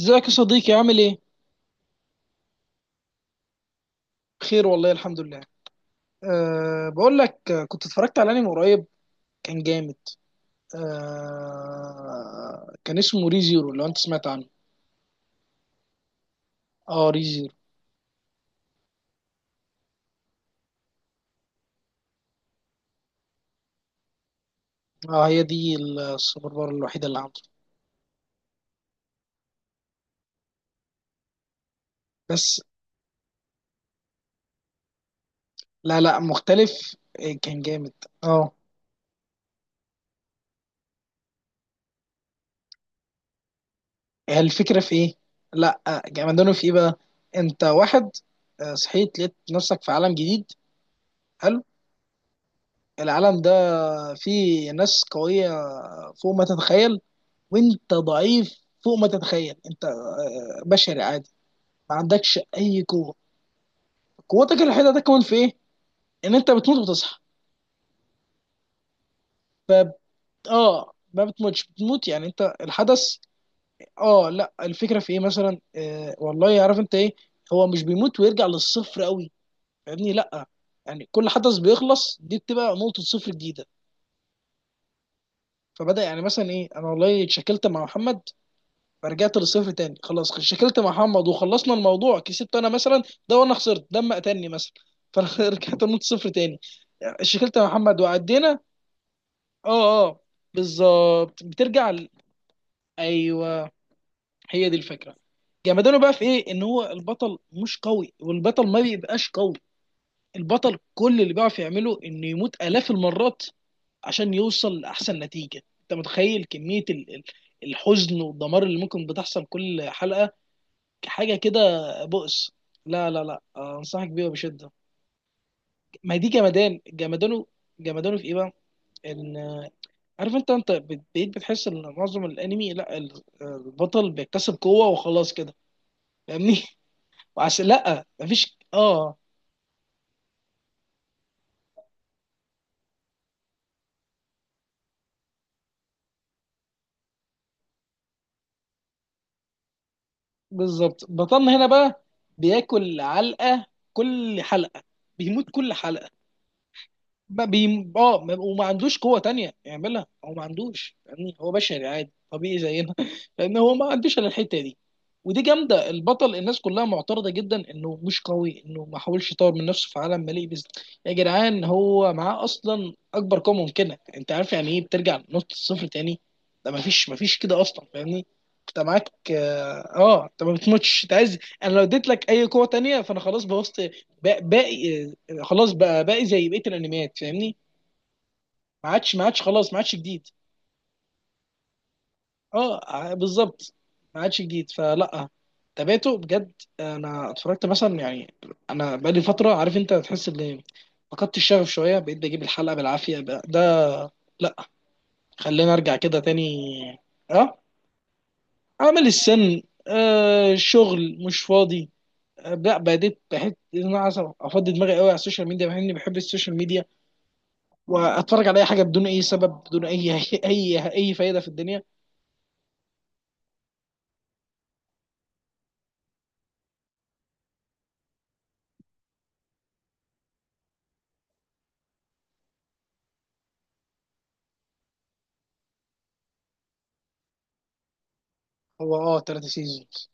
ازيك يا صديقي عامل ايه؟ بخير والله الحمد لله. بقول لك، كنت اتفرجت على انمي قريب كان جامد. كان اسمه ري زيرو لو انت سمعت عنه. اه ري زيرو. اه هي دي السوبر باور الوحيده اللي عنده. بس لا لا مختلف إيه كان جامد. اه هي الفكره في ايه؟ لا، جامدانه في ايه بقى؟ انت واحد، صحيت لقيت نفسك في عالم جديد، حلو. العالم ده فيه ناس قوية فوق ما تتخيل، وانت ضعيف فوق ما تتخيل، انت بشري عادي، ما عندكش اي قوه. قوتك الوحيده ده كمان في ايه؟ ان انت بتموت وبتصحى. ف اه ما بتموتش، بتموت يعني انت الحدث. اه لا الفكره في ايه مثلا، والله عارف انت ايه، هو مش بيموت ويرجع للصفر قوي، فاهمني؟ لا يعني كل حدث بيخلص دي بتبقى نقطه صفر جديده. فبدا يعني مثلا ايه، انا والله اتشكلت مع محمد فرجعت للصفر تاني. خلاص شكلت مع محمد وخلصنا الموضوع، كسبت انا مثلا ده وانا خسرت دم قتلني مثلا، فانا رجعت نقطة صفر تاني. شكلت مع محمد وعدينا. اه اه بالظبط، بترجع ل- ايوه هي دي الفكره. جمدانه بقى في ايه؟ ان هو البطل مش قوي، والبطل ما بيبقاش قوي. البطل كل اللي بيعرف يعمله انه يموت الاف المرات عشان يوصل لاحسن نتيجه. انت متخيل كميه الحزن والدمار اللي ممكن بتحصل كل حلقه؟ حاجه كده، بؤس. لا لا لا، انصحك بيها بشده. ما هي دي جمدانه. جمدانه في ايه بقى؟ ان عارف انت، بقيت بتحس ان معظم الانمي لا البطل بيكتسب قوه وخلاص كده، فاهمني؟ وعشان لا مفيش اه بالظبط. بطلنا هنا بقى بياكل علقه كل حلقه، بيموت كل حلقه. ما بي... اه ما- وما عندوش قوة تانية يعملها. هو ما عندوش، يعني هو بشري عادي طبيعي زينا لأن هو ما عندوش إلا الحتة دي. ودي جامدة، البطل الناس كلها معترضة جدا إنه مش قوي، إنه ما حاولش يطور من نفسه في عالم مليء بز، يا جدعان هو معاه أصلا أكبر قوة ممكنة. أنت عارف يعني إيه بترجع لنقطة الصفر تاني؟ ده ما فيش ما فيش كده أصلا، فاهمني؟ أنت معاك، أنت ما بتموتش، أنت عايز. أنا لو اديت لك أي قوة تانية فأنا خلاص بوظت باقي خلاص بقى بقى زي بقيه الانميات، فاهمني؟ ما عادش ما عادش، خلاص ما عادش جديد. اه بالظبط، ما عادش جديد فلا. تابعته بجد، انا اتفرجت مثلا يعني، انا بقالي فتره عارف انت، تحس ان فقدت الشغف شويه، بقيت بجيب الحلقه بالعافيه بقى ده. لا، خلينا ارجع كده تاني. اه عمل السن. شغل مش فاضي. لا بديت بحس ان انا عايز افضي دماغي قوي على السوشيال ميديا، مع اني بحب السوشيال ميديا، واتفرج على اي حاجه بدون اي سبب بدون اي اي فايده في الدنيا. هو اه ثلاثة سيزونز.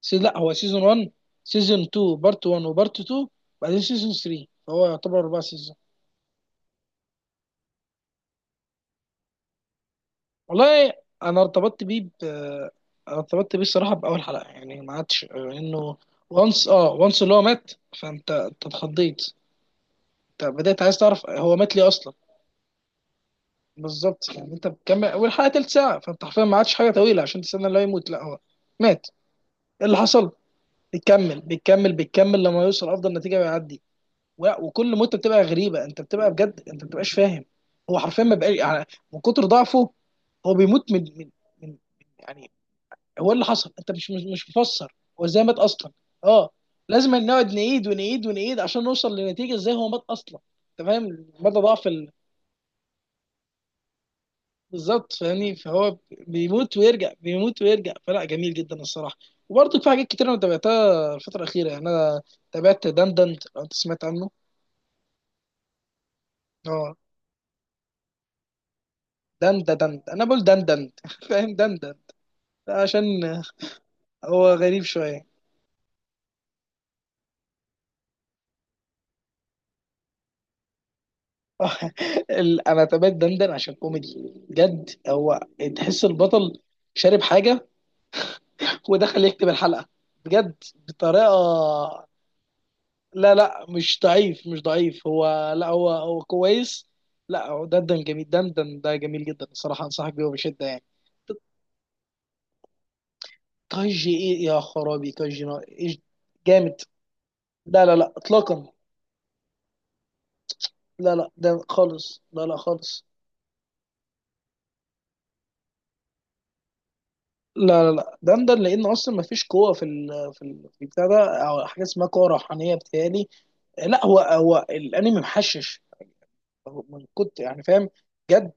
لا هو سيزون 1، سيزون 2 بارت 1 وبارت 2، بعدين سيزون 3، فهو يعتبر اربع سيزون. والله انا ارتبطت بيه ب... أنا ارتبطت بيه الصراحه باول حلقه، يعني ما عادش انه. وانس، وانس اللي هو مات، فانت اتخضيت، انت بدات عايز تعرف هو مات ليه اصلا. بالظبط، يعني انت بتكمل والحلقه تلت ساعه، فانت حرفيا ما عادش حاجه طويله عشان تستنى اللي هو يموت. لا هو مات، إيه اللي حصل؟ بيكمل بيكمل بيكمل لما يوصل افضل نتيجه ويعدي. وكل مده بتبقى غريبه، انت بتبقى بجد انت ما بتبقاش فاهم هو حرفيا ما بقاش، يعني من كتر ضعفه هو بيموت من يعني هو إيه اللي حصل، انت مش مفسر هو ازاي مات اصلا. اه لازم نقعد نعيد ونعيد ونعيد عشان نوصل لنتيجه ازاي هو مات اصلا. انت فاهم مدى ضعف. بالظبط، فاهمني؟ فهو بيموت ويرجع، بيموت ويرجع، فلا جميل جدا الصراحه. وبرضه في حاجات كتير انا تابعتها الفتره الاخيره، يعني انا تابعت دندند لو انت سمعت عنه. اه دندند، انا بقول دندند فاهم دندند عشان هو غريب شويه. انا تابعت دندن عشان كوميدي بجد. هو تحس البطل شارب حاجه ودخل يكتب الحلقه، بجد بطريقه. لا لا مش ضعيف مش ضعيف، هو لا هو هو كويس. لا هو دندن جميل، دندن ده جميل جدا الصراحة، أنصحك بيه بشدة يعني. كاجي إيه يا خرابي، إيش. جامد. لا لا لا إطلاقا. لا لا ده خالص، لا لا خالص. لا لا لا دندن، لأن أصلا ما فيش قوة في في البتاع ده، أو حاجة اسمها قوة روحانية بتهيألي. لا هو هو الأنمي محشش، من كنت، يعني فاهم. جد،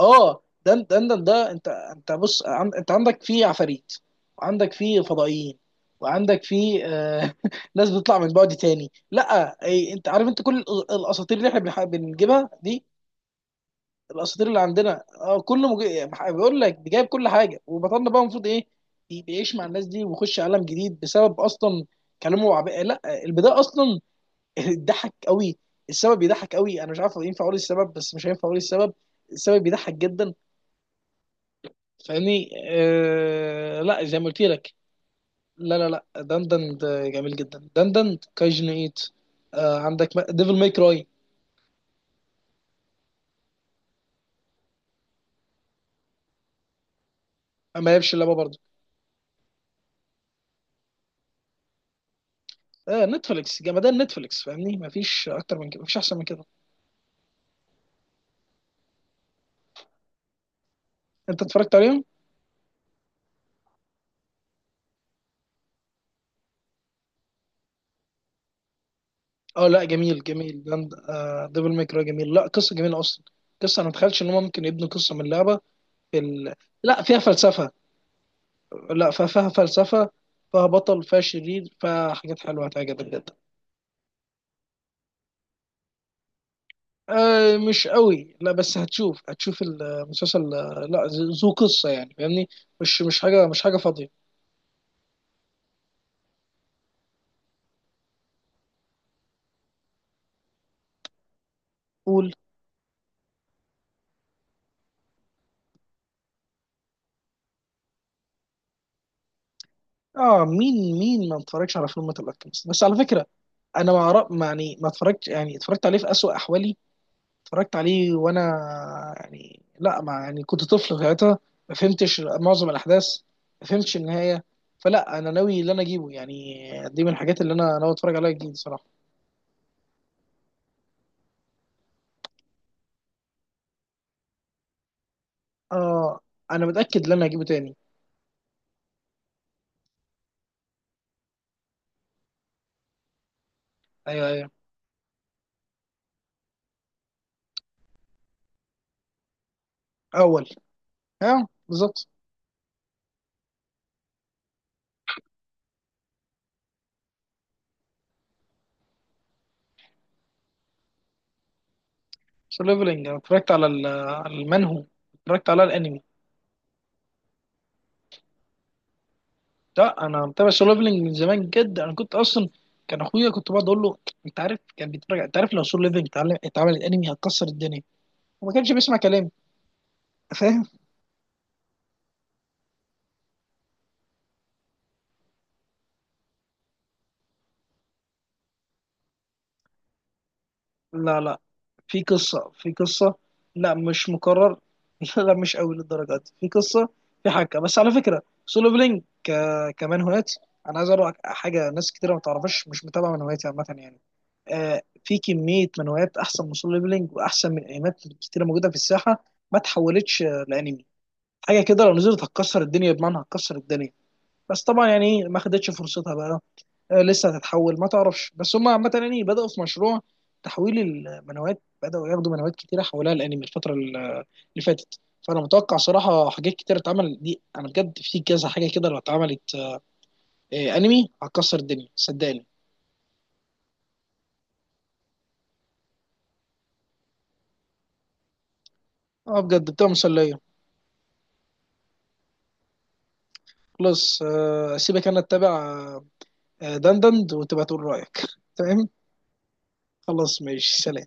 اه ده انت بص، انت عندك فيه عفاريت، وعندك فيه فضائيين، وعندك فيه، ناس بتطلع من بعد تاني. لا اي، انت عارف انت كل الاساطير اللي احنا بنجيبها دي، الاساطير اللي عندنا اه كله مج بيقول لك جايب كل حاجه. وبطلنا بقى المفروض ايه؟ بيعيش مع الناس دي، ويخش عالم جديد بسبب اصلا كلامه وعب لا البدايه اصلا ضحك قوي. السبب بيضحك قوي، انا مش عارف ينفع اقول السبب، بس مش هينفع اقول السبب. السبب بيضحك جدا. فاهمني، لا زي ما قلت لك. لا لا لا دندن ده جميل جدا، دندن كايجن ايت. آه عندك ديفل ماي كراي. ما يبش اللعبه برضه. آه نتفليكس جمدان، نتفليكس فاهمني ما فيش اكتر من كده، ما فيش احسن من كده. انت اتفرجت عليهم؟ اه لا جميل جميل دند آه ديفل ماي كراي جميل، لا قصه جميله اصلا. قصه انا ما اتخيلش ان هم ممكن يبنوا قصه من لعبه في ال... لا فيها فلسفه، لا فيها فلسفة، فيها بطل، فيها شرير، فيها حاجات حلوة هتعجبك جدا. آه مش قوي، لا بس هتشوف هتشوف المسلسل، لا ذو قصة، يعني فاهمني. مش حاجة، مش حاجة فاضية. قول. اه مين مين، ما اتفرجش على فيلم الالكيمست بس على فكرة. انا ما أعرف- ما يعني ما اتفرجت يعني اتفرجت عليه في أسوأ احوالي، اتفرجت عليه وانا، يعني لا ما يعني كنت طفل ساعتها، ما فهمتش معظم الاحداث، ما فهمتش النهايه. فلا انا ناوي اللي انا اجيبه يعني، دي من الحاجات اللي انا ناوي اتفرج عليها جديد صراحه. اه انا متاكد ان انا هجيبه تاني. ايوه ايوه، اول اه بالظبط. سو ليفلنج انا اتفرجت على على المنهو، اتفرجت على الانمي. لا انا متابع سو ليفلنج من زمان جدا، انا كنت اصلا، كان اخويا كنت بقعد اقول له، انت عارف كان بيتفرج، انت عارف لو سو ليفلنج اتعمل اتعمل انمي هتكسر الدنيا، وما كانش بيسمع كلامي. فاهم؟ لا لا، في قصة في قصة. لا مش مكرر. لا مش قوي للدرجة دي، في قصة، في حاجة. بس على فكرة سولو بلينك ك... كمان هوايات. أنا عايز أقول لك حاجة، ناس كتيرة ما تعرفش مش متابعة، من هواياتي عامة يعني، آه في كمية من هوايات أحسن من سولو بلينك، وأحسن من أنميات كتيرة موجودة في الساحة، ما تحولتش، لأنمي. حاجة كده لو نزلت هتكسر الدنيا، بمعنى هتكسر الدنيا. بس طبعا يعني ما خدتش فرصتها بقى، لسه هتتحول ما تعرفش. بس هم عامة يعني بدأوا في مشروع تحويل المنوات، بدأوا ياخدوا منوات كتيرة حولها الأنمي الفترة اللي فاتت. فأنا متوقع صراحة حاجات كتيرة اتعمل دي، أنا بجد في كذا حاجة كده لو اتعملت، أنمي هتكسر الدنيا صدقني. أه بجد بتبقى مسلية. خلاص، أسيبك أنا أتابع، دندند وتبقى تقول رأيك تمام. خلاص ماشي سلام.